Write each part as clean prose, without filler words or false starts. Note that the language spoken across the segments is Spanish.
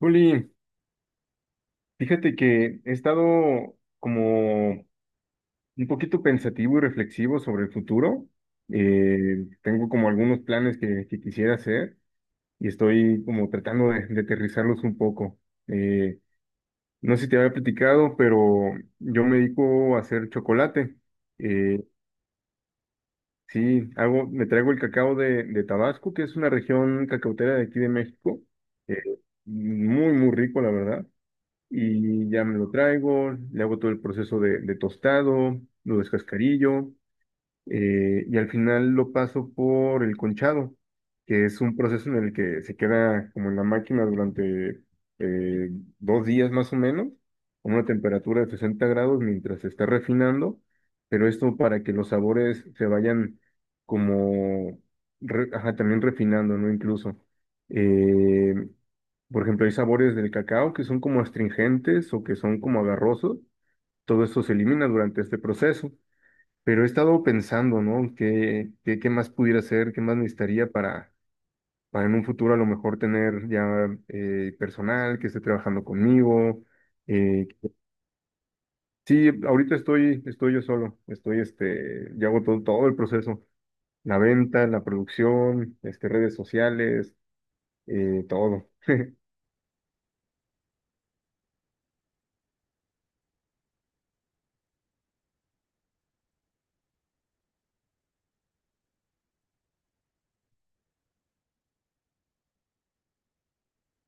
Juli, fíjate que he estado como un poquito pensativo y reflexivo sobre el futuro. Tengo como algunos planes que quisiera hacer y estoy como tratando de aterrizarlos un poco. Eh, no sé si te había platicado, pero yo me dedico a hacer chocolate. Eh, sí, hago, me traigo el cacao de Tabasco, que es una región cacautera de aquí de México. Eh, Muy, muy rico, la verdad. Y ya me lo traigo, le hago todo el proceso de tostado, lo descascarillo, y al final lo paso por el conchado, que es un proceso en el que se queda como en la máquina durante eh, 2 días más o menos, a una temperatura de 60 grados mientras se está refinando, pero esto para que los sabores se vayan como, ajá, también refinando, ¿no? Incluso. eh, por ejemplo, hay sabores del cacao que son como astringentes o que son como agarrosos. Todo esto se elimina durante este proceso. Pero he estado pensando, ¿no? ¿Qué más pudiera hacer? ¿Qué más necesitaría para en un futuro a lo mejor tener ya personal que esté trabajando conmigo? Eh, sí, ahorita estoy, estoy yo solo. Estoy, este, yo hago todo, todo el proceso. La venta, la producción, este, redes sociales, todo.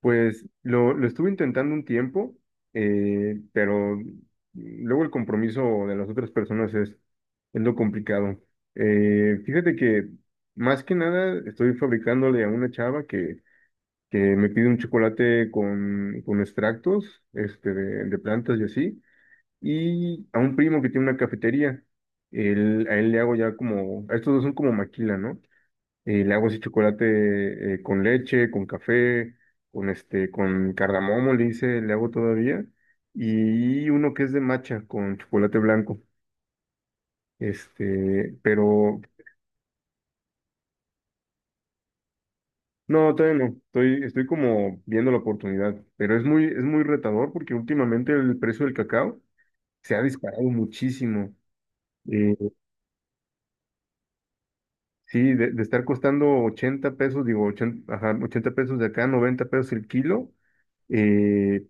Pues lo estuve intentando un tiempo, pero luego el compromiso de las otras personas es lo complicado. Fíjate que más que nada estoy fabricándole a una chava que me pide un chocolate con extractos este, de plantas y así, y a un primo que tiene una cafetería. A él le hago ya como, a estos dos son como maquila, ¿no? Y le hago ese chocolate con leche, con café, con este, con cardamomo, le hice, le hago todavía. Y uno que es de matcha con chocolate blanco. Este, pero no, todavía no. Estoy, estoy como viendo la oportunidad. Pero es muy retador porque últimamente el precio del cacao se ha disparado muchísimo. Eh, sí, de estar costando 80 pesos, digo, 80 ajá, 80 pesos de acá, 90 pesos el kilo. eh,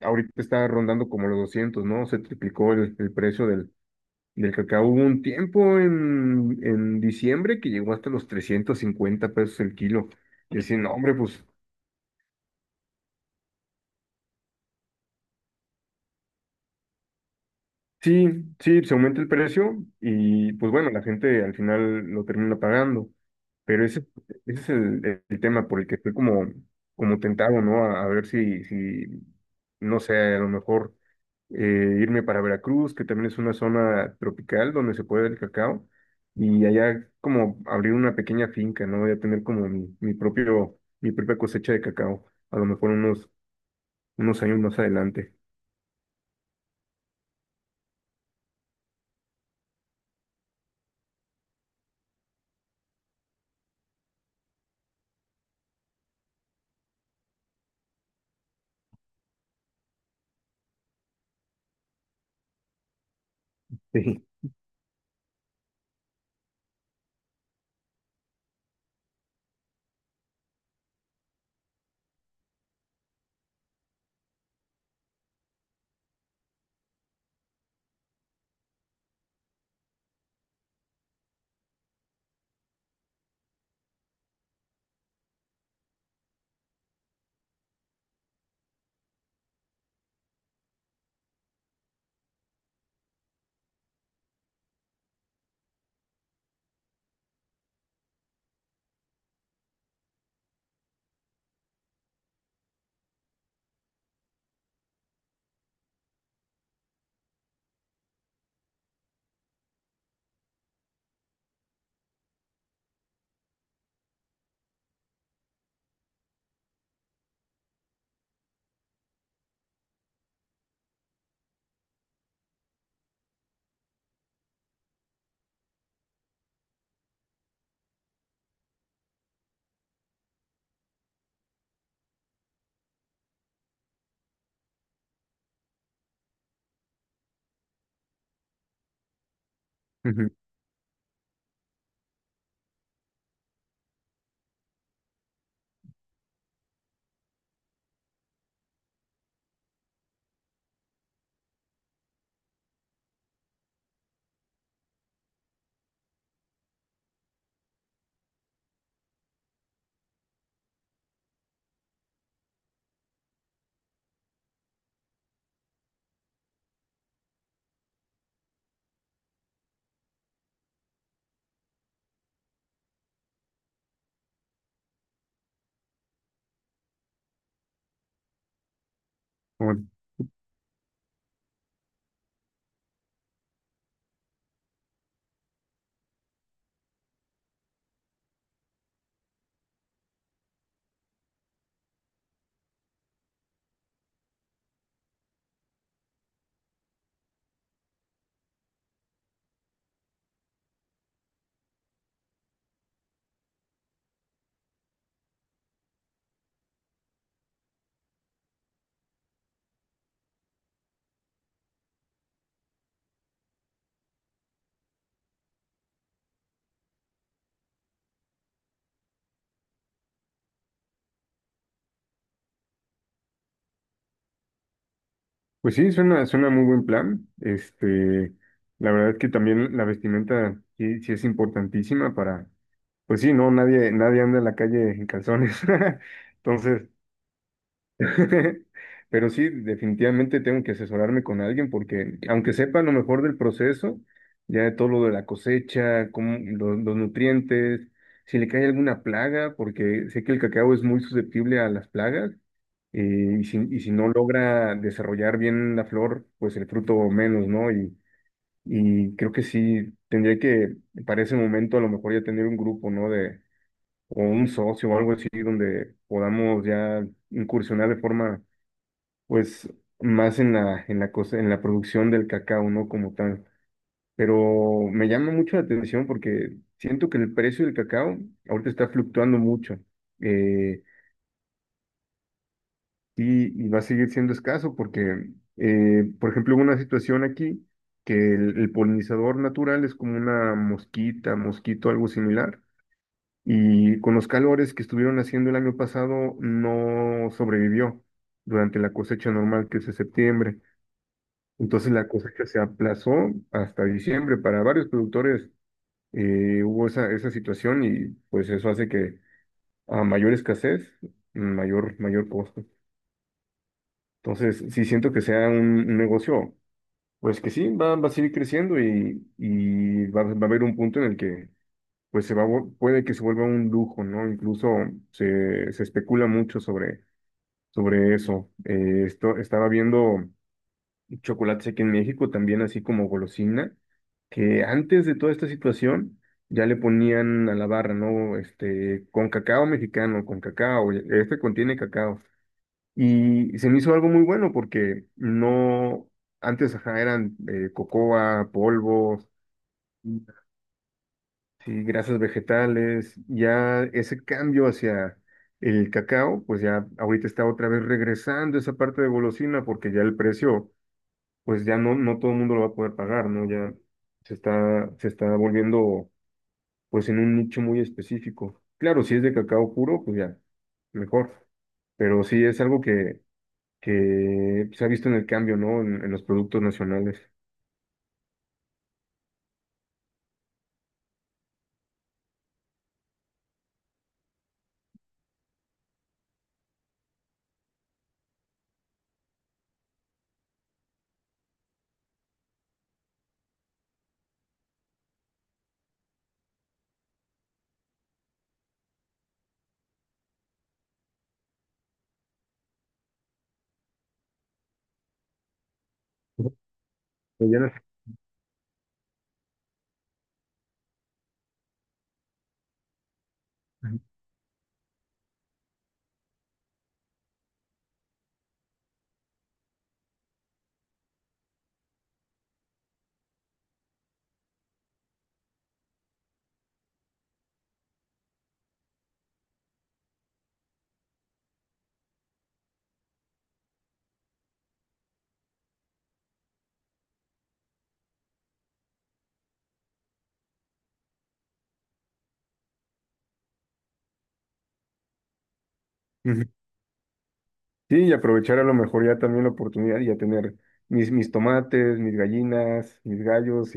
Ahorita está rondando como los 200, ¿no? Se triplicó el precio del, del cacao. Hubo un tiempo en diciembre que llegó hasta los 350 pesos el kilo. Y así, no, hombre, pues sí, sí, se aumenta el precio y pues bueno, la gente al final lo termina pagando, pero ese es el tema por el que estoy como, como tentado, ¿no? A ver si, si, no sé, a lo mejor irme para Veracruz, que también es una zona tropical donde se puede el cacao, y allá como abrir una pequeña finca, ¿no? Voy a tener como mi propio, mi propia cosecha de cacao, a lo mejor unos, unos años más adelante. Sí. Ujú. Pues sí, suena, suena muy buen plan. Este, la verdad es que también la vestimenta sí, sí es importantísima para, pues sí, no, nadie, nadie anda en la calle en calzones. Entonces, pero sí, definitivamente tengo que asesorarme con alguien porque aunque sepa lo mejor del proceso, ya de todo lo de la cosecha, los nutrientes, si le cae alguna plaga, porque sé que el cacao es muy susceptible a las plagas y si no logra desarrollar bien la flor, pues el fruto menos, ¿no? Y creo que sí, tendría que, para ese momento, a lo mejor ya tener un grupo, ¿no? De, o un socio o algo así, donde podamos ya incursionar de forma pues más en la cosa, en la producción del cacao, no como tal. Pero me llama mucho la atención porque siento que el precio del cacao ahorita está fluctuando mucho eh, y va a seguir siendo escaso porque, por ejemplo, hubo una situación aquí que el polinizador natural es como una mosquita, mosquito, algo similar. Y con los calores que estuvieron haciendo el año pasado, no sobrevivió durante la cosecha normal que es de septiembre. Entonces la cosecha se aplazó hasta diciembre. Para varios productores hubo esa, esa situación y pues eso hace que a mayor escasez, mayor, mayor costo. Entonces sí siento que sea un negocio, pues que sí, va, va a seguir creciendo y va, va a haber un punto en el que pues se va, puede que se vuelva un lujo, ¿no? Incluso se, se especula mucho sobre, sobre eso. Esto, estaba viendo chocolates aquí en México, también así como golosina, que antes de toda esta situación ya le ponían a la barra, ¿no? Este, con cacao mexicano, con cacao, este contiene cacao. Y se me hizo algo muy bueno porque no, antes ajá, eran cocoa, polvo, sí, grasas vegetales, ya ese cambio hacia el cacao, pues ya ahorita está otra vez regresando esa parte de golosina porque ya el precio pues ya no, no todo el mundo lo va a poder pagar, ¿no? Ya se está volviendo pues en un nicho muy específico. Claro, si es de cacao puro, pues ya, mejor. Pero sí es algo que se ha visto en el cambio, ¿no? En los productos nacionales. Ujú. Pues ya no. Ujú. Sí, y aprovechar a lo mejor ya también la oportunidad y ya tener mis, mis tomates, mis gallinas, mis gallos.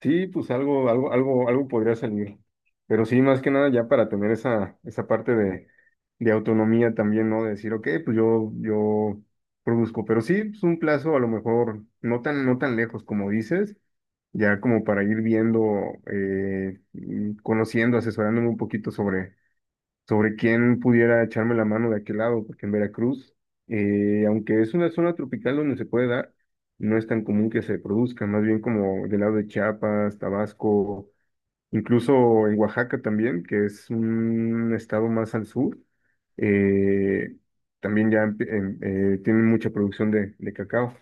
Sí, pues algo, algo, algo, algo podría salir. Pero sí, más que nada ya para tener esa, esa parte de autonomía también, ¿no? De decir, ok, pues yo produzco. Pero sí, pues un plazo a lo mejor no tan, no tan lejos como dices, ya como para ir viendo, y conociendo, asesorándome un poquito sobre, sobre quién pudiera echarme la mano de aquel lado, porque en Veracruz, aunque es una zona tropical donde se puede dar, no es tan común que se produzca, más bien como del lado de Chiapas, Tabasco, incluso en Oaxaca también, que es un estado más al sur, eh, también ya tienen mucha producción de cacao.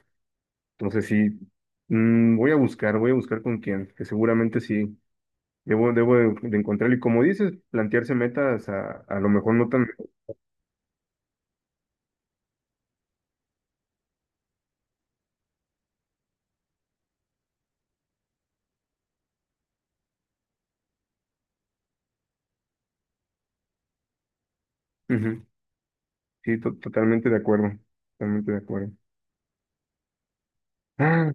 Entonces sí, mm, voy a buscar con quién, que seguramente sí. Debo, debo de encontrar, y como dices, plantearse metas a lo mejor no tan Ujú, sí, totalmente de acuerdo, totalmente de acuerdo. Ah,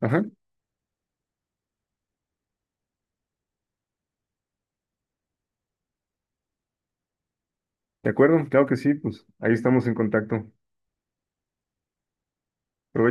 ajá, de acuerdo, claro que sí, pues ahí estamos en contacto. Provecho.